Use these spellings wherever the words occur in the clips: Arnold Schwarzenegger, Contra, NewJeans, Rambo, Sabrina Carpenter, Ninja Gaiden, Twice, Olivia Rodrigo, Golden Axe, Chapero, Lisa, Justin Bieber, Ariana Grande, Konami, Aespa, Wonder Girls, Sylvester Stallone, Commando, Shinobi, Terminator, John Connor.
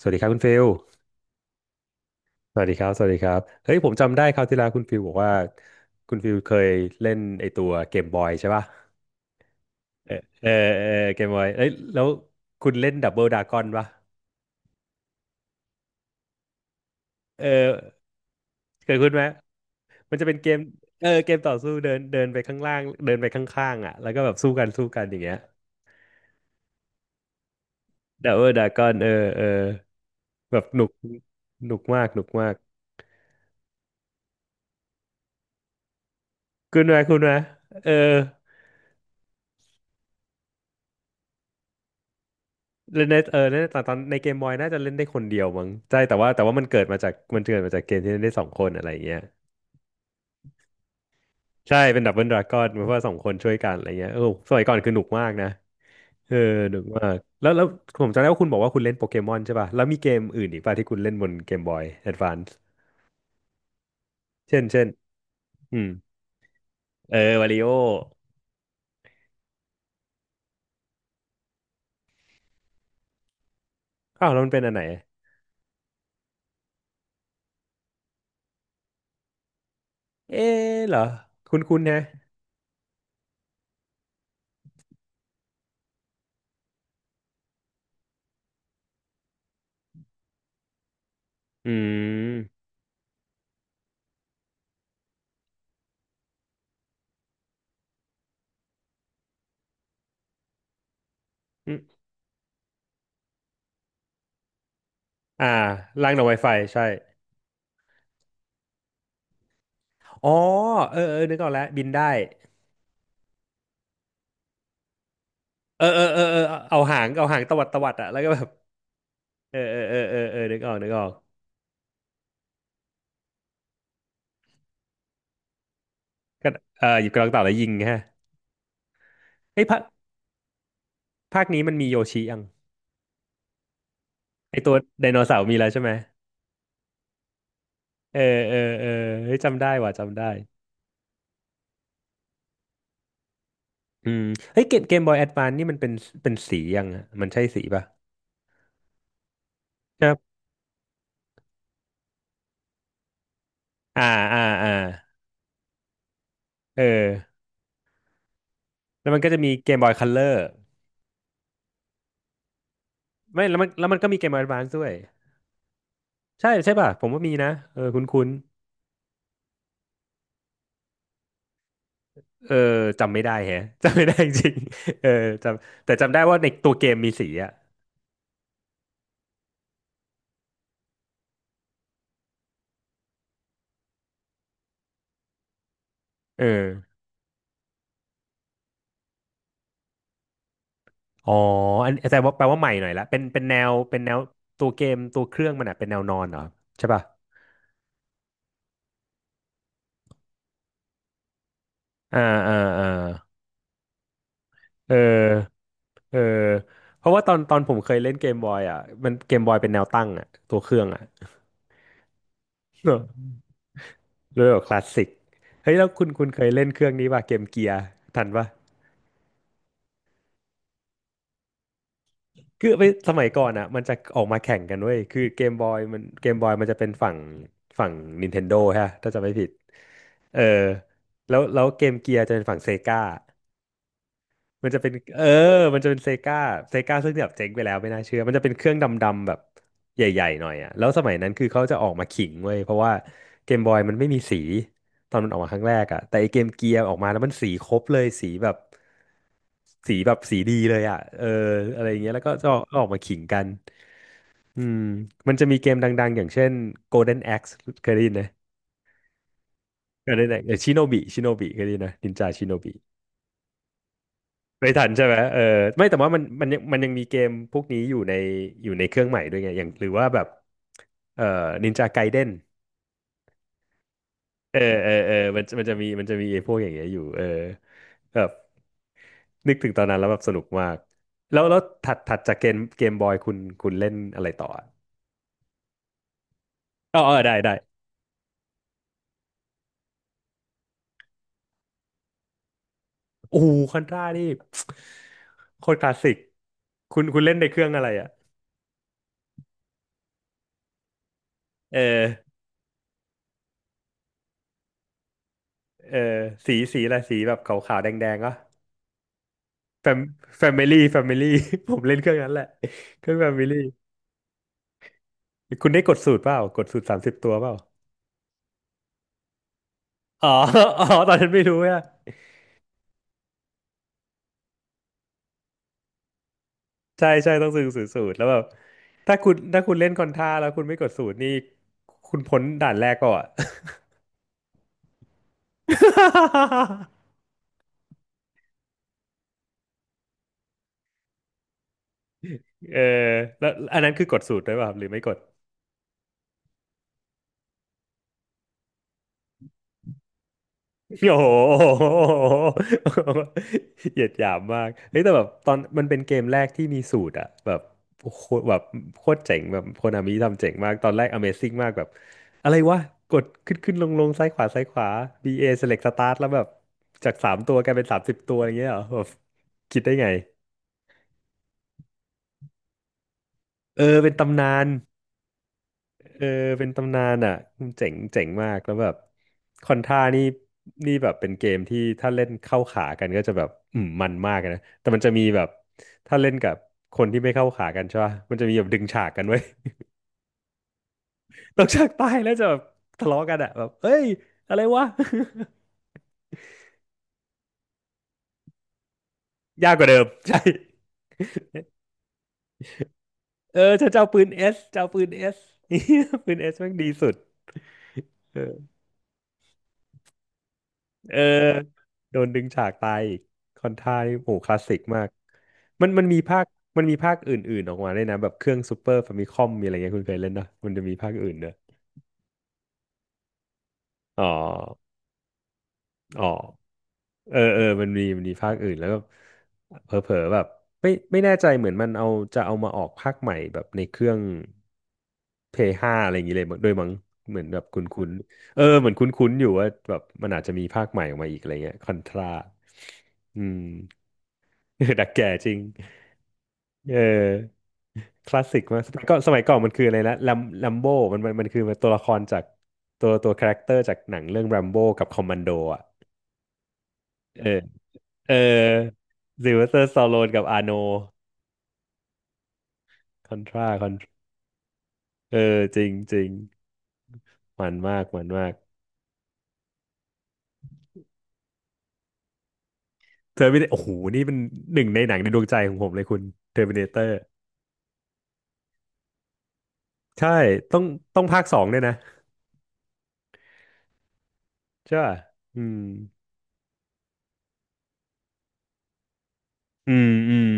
สวัสดีครับคุณฟิลสวัสดีครับ สวัสดีครับเฮ้ยผมจำได้คราวที่แล้วคุณฟิลบอกว่าคุณฟิลเคยเล่นไอตัวเกมบอยใช่ป่ะเออเออเออเกมบอยเอ้ยแล้วคุณเล่นดับเบิลดากอนป่ะเออเคยคุ้นไหมมันจะเป็นเกมเออเกมต่อสู้เดินเดินไปข้างล่างเดินไปข้างๆอ่ะแล้วก็แบบสู้กันสู้กันอย่างเงี้ยดับเบิลดากอนเออเออแบบหนุกหนุกมากหนุกมากคุณไหมคุณไหมเออ เล่นในเล่นในตอนตอนในเกมบอยน่าจะเล่นได้คนเดียวมั้งใช่แต่ว่ามันเกิดมาจากมันเกิดมาจากเกมที่เล่นได้สองคนอะไรอย่างเงี้ยใช่เป็นดับเบิลดราก้อนเพราะว่าสองคนช่วยกันอะไรเงี้ยเออสมัยก่อนคือหนุกมากนะเออหนุกมากแล้วแล้วผมจำได้ว่าคุณบอกว่าคุณเล่นโปเกมอนใช่ป่ะแล้วมีเกมอื่นอีกป่ะที่คุณเล่นบนเกมบอยแอดวานซ์เช่นเช่นอืมเออวาริโออ้าวแล้วมันเป็นอันไหนเอ๊ะเหรอคุณคุณนะอืมอืมอ่าล่างหน่อไวไฟใช่อ๋อเออเออนึกออกแล้วบินได้ เออเอาหางเอาหางตวัดตวัดอะแล้วก็แบบเออนึกออกนึกออกก็เออหยิบกระรอกเต่าแล้วยิงฮะไอ้ยภาคภาคนี้มันมีโยชิยังไอ้ตัวไดโนเสาร์มีแล้วใช่ไหมเออเออเฮ้ยจำได้ว่ะจำได้อืมเฮ้ยเกมบอยแอดวานนี่มันเป็นสียังอะมันใช่สีป่ะครับอ่าอ่าเออแล้วมันก็จะมีเกมบอยคัลเลอร์ไม่แล้วมันแล้วมันก็มีเกมบอยแอดวานซ์ด้วยใช่ใช่ป่ะผมว่ามีนะเออคุ้นคุ้น เออจำไม่ได้แฮะ จำไม่ได้จริง ๆเออจำแต่จำได้ว่าในตัวเกมมีสีอ่ะเอออ๋ออันแต่ว่าแปลว่าใหม่หน่อยละเป็นแนวเป็นแนวตัวเกมตัวเครื่องมันอ่ะเป็นแนวนอนเหรอใช่ป่ะอ่าอ่าเออเออเพราะว่าตอนตอนผมเคยเล่นเกมบอยอ่ะมันเกมบอยเป็นแนวตั้งอ่ะตัวเครื่องอ่ะ เนอะเลยแบบคลาสสิกเฮ้ยแล้วคุณคุณเคยเล่นเครื่องนี้ป่ะเกมเกียร์ทันป่ะ คือไปสมัยก่อนอ่ะมันจะออกมาแข่งกันเว้ยคือเกมบอยมันเกมบอยมันจะเป็นฝั่งฝั่ง Nintendo ฮะถ้าจำไม่ผิดเออแล้วแล้วเกมเกียร์จะเป็นฝั่งเซกา มันจะเป็นเออมันจะเป็นเซกาเซกาซึ่งแบบเจ๊งไปแล้วไม่น่าเชื่อ มันจะเป็นเครื่องดำๆแบบใหญ่ๆหน่อยอ่ะแล้วสมัยนั้นคือเขาจะออกมาขิงเว้ยเพราะว่าเกมบอยมันไม่มีสีตอนมันออกมาครั้งแรกอ่ะแต่ไอเกมเกียร์ออกมาแล้วมันสีครบเลยสีแบบสีแบบสีดีเลยอ่ะเอออะไรอย่างเงี้ยแล้วก็จะออกมาขิงกันอืมมันจะมีเกมดังๆอย่างเช่น Golden Axe เคยได้ยินไหม Golden Axe ชิโนบิชิโนบิเคยได้ยินไหมนินจาชิโนบิ ไม่ทันใช่ไหมเออไม่แต่ว่ามันยังมีเกมพวกนี้อยู่ในอยู่ในเครื่องใหม่ด้วยไงอย่างหรือว่าแบบเอ่อนินจาไกเด้นเออมันจะมีไอ้พวกอย่างเงี้ยอยู่เออแบบนึกถึงตอนนั้นแล้วแบบสนุกมากแล้วแล้วถัดถัดจากเกมเกมบอยคุณคุณเล่นอะไรต่ออะอ๋อเออได้ได้โอ้คอนทรานี่ โคตรคลาสสิกคุณคุณเล่นในเครื่องอะไรอ่ะเออเออสีอะไรสีแบบขาวๆแดงๆก็ แฟมแฟมิลี่แฟมิลี่ ผมเล่นเครื่องนั้นแหละเครื่องแฟมิลี่คุณได้กดสูตรเปล่ากดสูตรสามสิบตัวเปล่าอ๋อ อ๋อตอนนั้นไม่รู้อะใช่ใช่ต้องซื้อสูตรสูตรแล้วแบบถ้าคุณถ้าคุณเล่นคอนท่าแล้วคุณไม่กดสูตรนี่คุณพ้นด่านแรกก่อน เออแล้วอันนั้นคือกดสูตรด้วยเปล่าครับหรือไม่กด โอ้โห เหยียดหยามมากเฮ้ยแต่แบบตอนมันเป็นเกมแรกที่มีสูตรอะแบบโคตรแบบโคตรเจ๋งแบบโคนามิทำเจ๋งมากตอนแรก Amazing มากแบบอะไรวะกดขึ้นขึ้นลงลงซ้ายขวาซ้ายขวา BA Select Start แล้วแบบจาก3 ตัวกลายเป็นสามสิบตัวอย่างเงี้ยเหรอแบบคิดได้ไงเออเป็นตำนาน เออเป็นตำนานอ่ะเจ๋งเจ๋งมากแล้วแบบคอนท่านี่นี่แบบเป็นเกมที่ถ้าเล่นเข้าขากันจะแบบอืมมันมากนะแต่มันจะมีแบบถ้าเล่นกับคนที่ไม่เข้าขากันใช่ป่ะมันจะมีแบบดึงฉากกันไว้ย ตกฉากตายแล้วจะแบบทะเลาะกันอ่ะแบบเอ้ยอะไรวะ ยากกว่าเดิม ใช่เออฉันจะเอาปืนเอสจะเอาปืนเอส ปืนเอสแม่งดีสุด เออโดนดึงฉากตายอีกคอนไทายโหคลาสสิกมากมันมีภาคมันมีภาคอื่นๆออกมาด้วยนะแบบเครื่องซูเปอร์ฟามิคอมมีอะไรเงี้ยคุณเคยเล่นนะมันจะมีภาคอื่นเนอะอ๋ออ๋อเออเออมันมีภาคอื่นแล้วก็เผลอๆแบบไม่แน่ใจเหมือนมันเอาจะเอามาออกภาคใหม่แบบในเครื่อง Play 5อะไรอย่างงี้เลยมั้งด้วยมั้งเหมือนแบบคุ้นๆเออเหมือนคุ้นๆอยู่ว่าแบบมันอาจจะมีภาคใหม่ออกมาอีกอะไรเงี้ยคอนทราอืม เออดักแก่จริงเออคลาสสิกมากสมัยก่อนสมัยก่อนมันคืออะไรนะลัมลัมโบมันคือตัวละครจากตัวคาแรคเตอร์จากหนังเรื่อง r รมโบกับคอมมานโดอ่ะเออเออซิลเวสเตอร์สตาโลนกับอาโนคอนทราคอนเออจริงจริงมันมากมันมากเทอร์มินโอ้โหนี่เป็นหนึ่งในหนังในดวงใจของผมเลยคุณเทอร์มินเตอร์ใช่ต้องต้องภาคสองด้วยนะใช่ป่ะอืมอืมอืม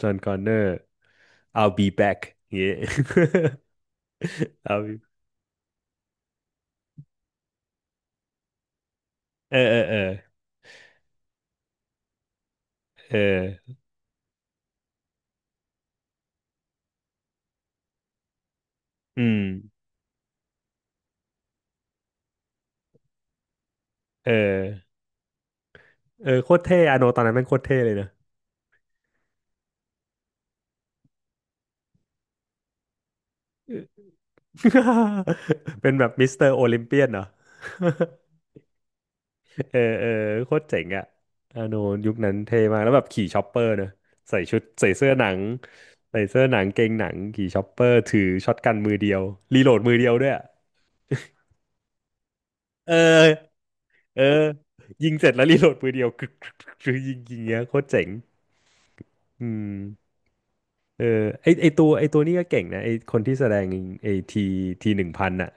จอห์นคอนเนอร์ I'll be back อย่างเงี้ย I'll be เออเออเออเอออืมเออเออโคตรเท่อาโนตอนนั้นแม่งโคตรเท่เลยนะ เป็นแบบมิสเตอร์โอลิมเปียนเหรอ เออเออโคตรเจ๋งอะอาโนยุคนั้นเท่มากแล้วแบบขี่ชอปเปอร์เนอะใส่ชุดใส่เสื้อหนังใส่เสื้อหนังเกงหนังขี่ชอปเปอร์ถือช็อตกันมือเดียวรีโหลดมือเดียวด้วยอะเออ เออยิงเสร็จแล้วรีโหลดปืนเดียวกึกกึกกึกกึกยิงยิงเงี้ยโคตรเจ๋งอืมเออไอตัวนี้ก็เก่งนะไอคนที่แสดงไอทีทีหนึ่งพันอ่ะ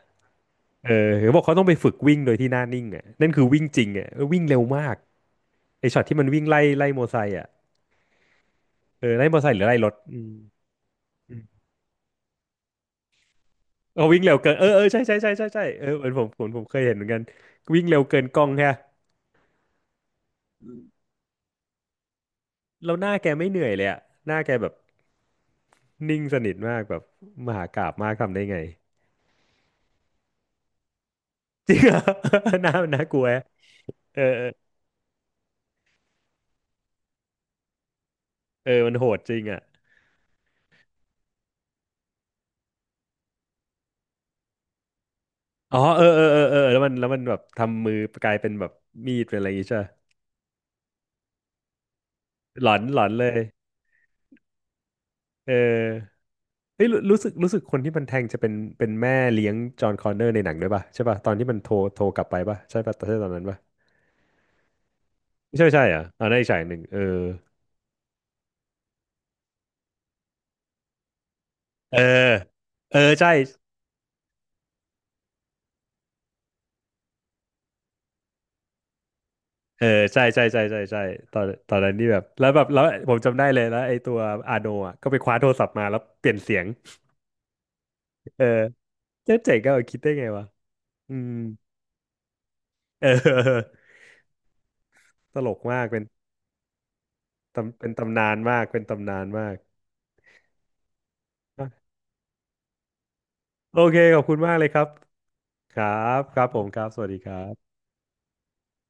เออเขาบอกเขาต้องไปฝึกวิ่งโดยที่หน้านิ่งอ่ะนั่นคือวิ่งจริงอ่ะเออวิ่งเร็วมากไอช็อตที่มันวิ่งไล่มอไซค์อ่ะเออไล่มอไซค์หรือไล่รถอืมอืมเอาวิ่งเร็วเกิน เออเออใช่ใช่ใช่ใช่ใช่เออเหมือนผมเคยเห็นเหมือนกัน วิ่งเร็วเกินกล้องแค่แล้วหน้าแกไม่เหนื่อยเลยอ่ะหน้าแกแบบนิ่งสนิทมากแบบมหากาพย์มากทำได้ไง จริงเหรอ น่าน่ากลัวเออเออเออมันโหดจริงอ่ะอ๋อเออเออเออเออแล้วมันแล้วมันแบบทำมือกลายเป็นแบบมีดเป็นอะไรอย่างงี้ใช่ปะหลอนหลอนเลยเออเฮ้ยรู้สึกคนที่มันแทงจะเป็นเป็นแม่เลี้ยงจอห์นคอนเนอร์ในหนังด้วยป่ะใช่ป่ะตอนที่มันโทรกลับไปป่ะใช่ป่ะใช่ตอนนั้นป่ะไม่ใช่เหรอ่ะอ่าในอีกฉากหนึ่งเออเออเออใช่เออใช่ใช่ใช่ใช่ใช่ตอนนั้นนี่แบบแล้วแบบแล้วผมจำได้เลยแล้วไอ้ตัวอาโนอ่ะก็ไปคว้าโทรศัพท์มาแล้วเปลี่ยนเสียงเออ เจ๊เจ๋งก็เอาคิดได้ไงวะ อืมเออ ตลกมากเป็นตำเป็นตำนานมาก เป็นตำนานมาก โอเค ขอบคุณมากเลยครับ ครับ ครับผมครับ สวัสดีครับ